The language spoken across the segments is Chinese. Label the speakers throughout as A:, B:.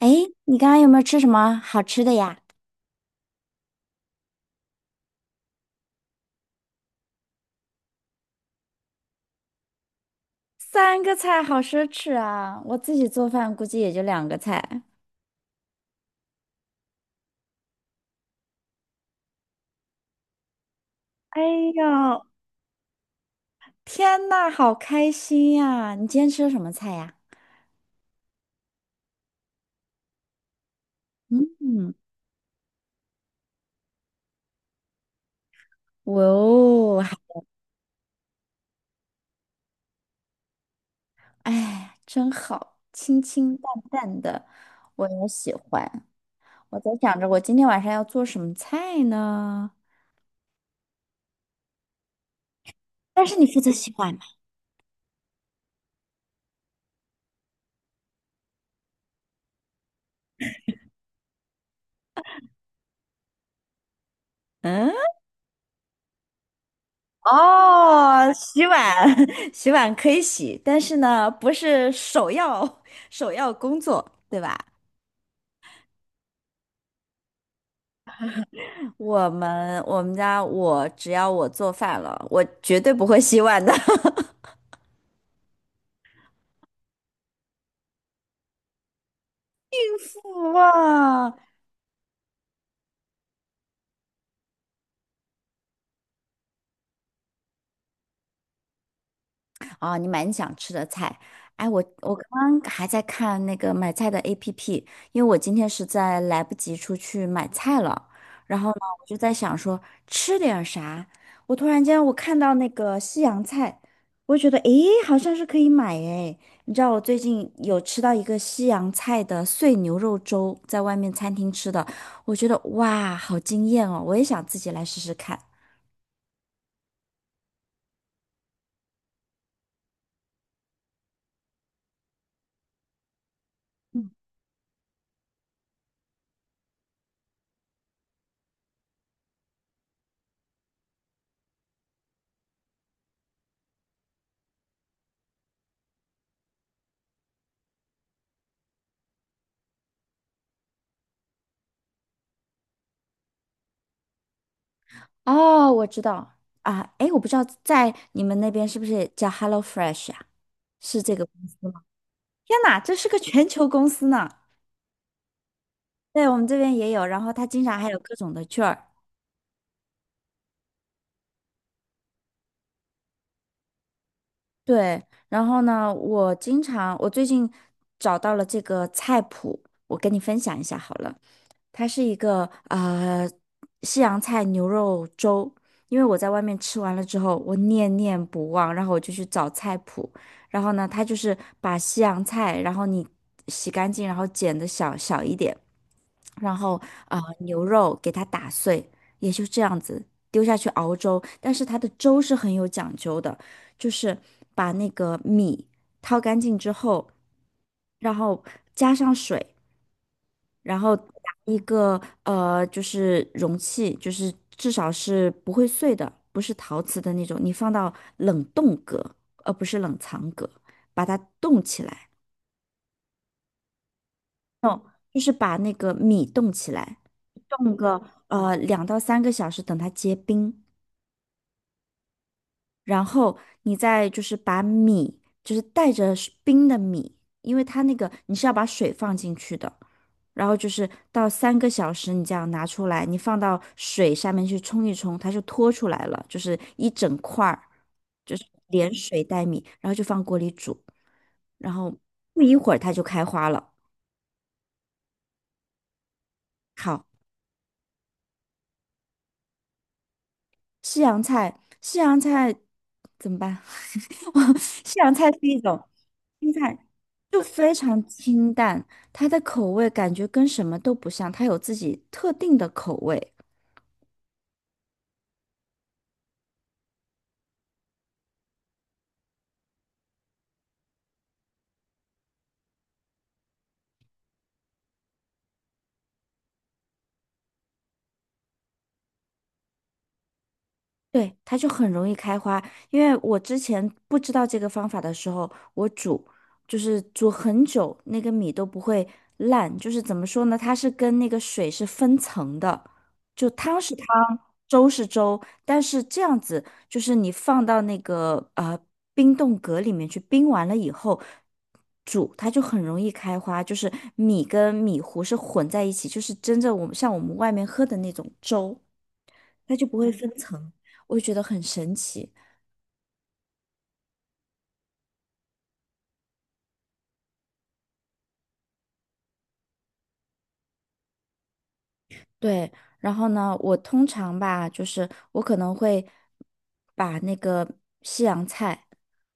A: 哎，你刚刚有没有吃什么好吃的呀？3个菜好奢侈啊！我自己做饭估计也就2个菜。哎呦，天呐，好开心呀！你今天吃的什么菜呀？嗯，哇哦，还哎，真好，清清淡淡的，我也喜欢。我在想着我今天晚上要做什么菜呢？但是你负责洗碗吗？嗯。哦，洗碗，洗碗可以洗，但是呢，不是首要首 要工作，对吧？我们家我只要我做饭了，我绝对不会洗碗的。哇，啊，你蛮想吃的菜。哎，我刚刚还在看那个买菜的 APP，因为我今天实在来不及出去买菜了。然后呢，我就在想说吃点啥。我突然间看到那个西洋菜，我觉得诶，好像是可以买诶。你知道我最近有吃到一个西洋菜的碎牛肉粥，在外面餐厅吃的，我觉得哇，好惊艳哦！我也想自己来试试看。哦，我知道啊，哎，我不知道在你们那边是不是也叫 HelloFresh 啊？是这个公司吗？天哪，这是个全球公司呢。对，我们这边也有，然后它经常还有各种的券儿。对，然后呢，我经常我最近找到了这个菜谱，我跟你分享一下好了。它是一个西洋菜牛肉粥，因为我在外面吃完了之后，我念念不忘，然后我就去找菜谱，然后呢，它就是把西洋菜，然后你洗干净，然后剪的小小一点，然后牛肉给它打碎，也就这样子丢下去熬粥，但是它的粥是很有讲究的，就是把那个米掏干净之后，然后加上水。然后拿一个就是容器，就是至少是不会碎的，不是陶瓷的那种，你放到冷冻格，而不是冷藏格，把它冻起来，就是把那个米冻起来，冻个2到3个小时，等它结冰。然后你再就是把米，就是带着是冰的米，因为它那个你是要把水放进去的，然后就是到三个小时你这样拿出来，你放到水下面去冲一冲，它就脱出来了，就是一整块儿，就是连水带米，然后就放锅里煮，然后不一会儿它就开花了。好，西洋菜，西洋菜怎么办？我西洋菜是一种青菜，就非常清淡，它的口味感觉跟什么都不像，它有自己特定的口味。对，它就很容易开花。因为我之前不知道这个方法的时候，就是煮很久，那个米都不会烂。就是怎么说呢，它是跟那个水是分层的，就汤是汤，粥是粥。但是这样子，就是你放到那个冰冻格里面去冰完了以后。煮它就很容易开花，就是米跟米糊是混在一起，就是真正像我们外面喝的那种粥。它就不会分层，我就觉得很神奇。对，然后呢，我通常吧，就是我可能会把那个西洋菜，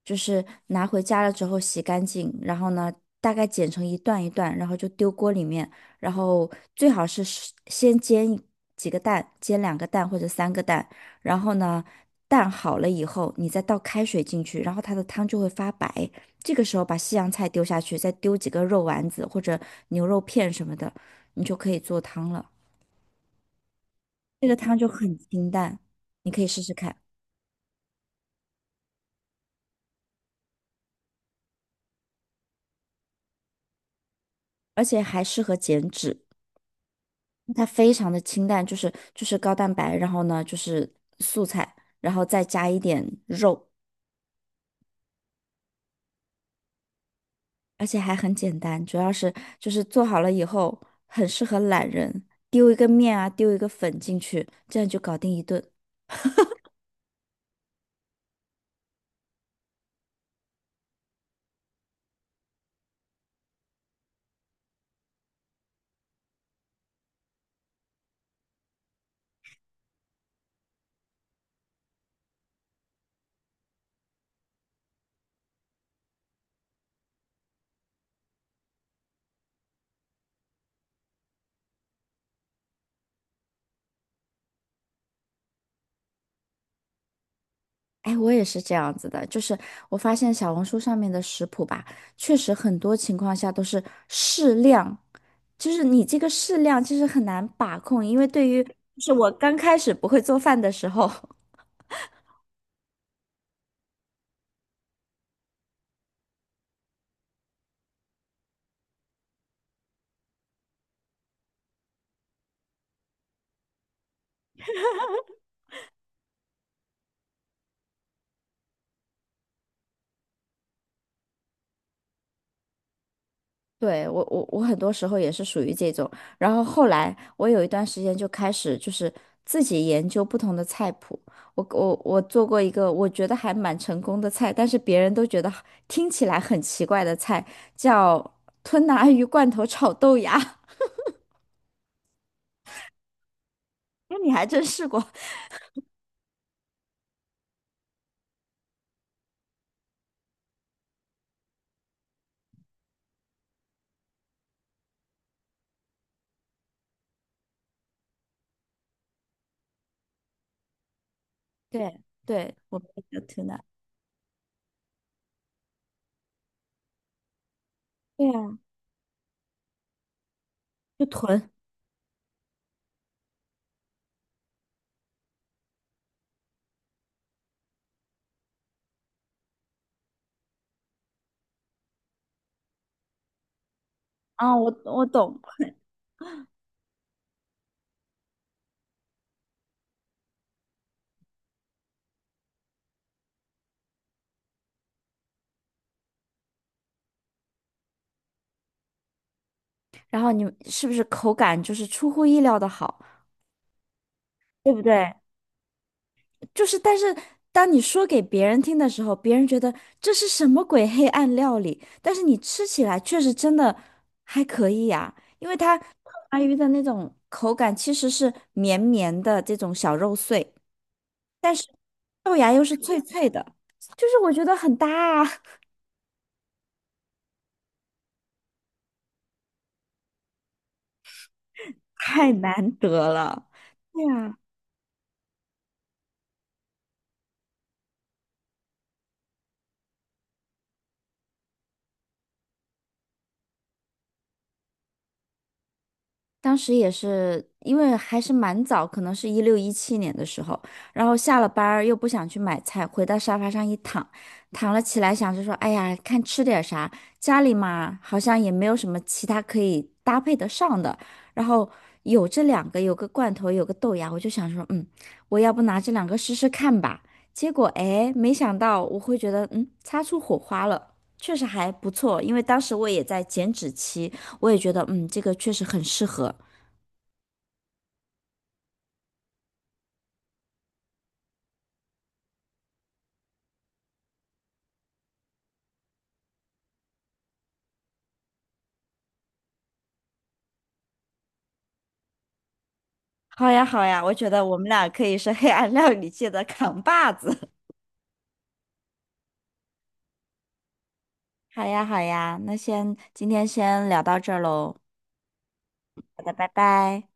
A: 就是拿回家了之后洗干净，然后呢，大概剪成一段一段，然后就丢锅里面，然后最好是先煎一几个蛋，煎2个蛋或者3个蛋，然后呢，蛋好了以后，你再倒开水进去，然后它的汤就会发白，这个时候把西洋菜丢下去，再丢几个肉丸子或者牛肉片什么的，你就可以做汤了。这个汤就很清淡，你可以试试看，而且还适合减脂。它非常的清淡，就是高蛋白，然后呢就是素菜，然后再加一点肉，而且还很简单。主要是就是做好了以后，很适合懒人，丢一个面啊，丢一个粉进去，这样就搞定一顿。哎，我也是这样子的，就是我发现小红书上面的食谱吧，确实很多情况下都是适量，就是你这个适量其实很难把控，因为对于就是我刚开始不会做饭的时候，对，我很多时候也是属于这种，然后后来我有一段时间就开始就是自己研究不同的菜谱，我做过一个我觉得还蛮成功的菜，但是别人都觉得听起来很奇怪的菜，叫吞拿鱼罐头炒豆芽。那你还真试过？对对，我们叫吞拿。对呀，就囤，啊，我懂。然后你是不是口感就是出乎意料的好，对不对？就是，但是当你说给别人听的时候，别人觉得这是什么鬼黑暗料理，但是你吃起来确实真的还可以呀、因为它 吞拿鱼的那种口感其实是绵绵的这种小肉碎，豆芽又是脆脆的，就是我觉得很搭啊，太难得了。对呀。当时也是因为还是蛮早，可能是16、17年的时候，然后下了班儿又不想去买菜，回到沙发上一躺，躺了起来，想着说，哎呀，看吃点啥，家里嘛好像也没有什么其他可以搭配得上的，然后有这两个，有个罐头，有个豆芽，我就想说，嗯，我要不拿这两个试试看吧。结果哎，没想到我会觉得，嗯，擦出火花了，确实还不错，因为当时我也在减脂期。我也觉得，嗯，这个确实很适合。好呀，好呀，我觉得我们俩可以是黑暗料理界的扛把子。好呀，好呀，那先今天先聊到这儿喽，好的，拜拜。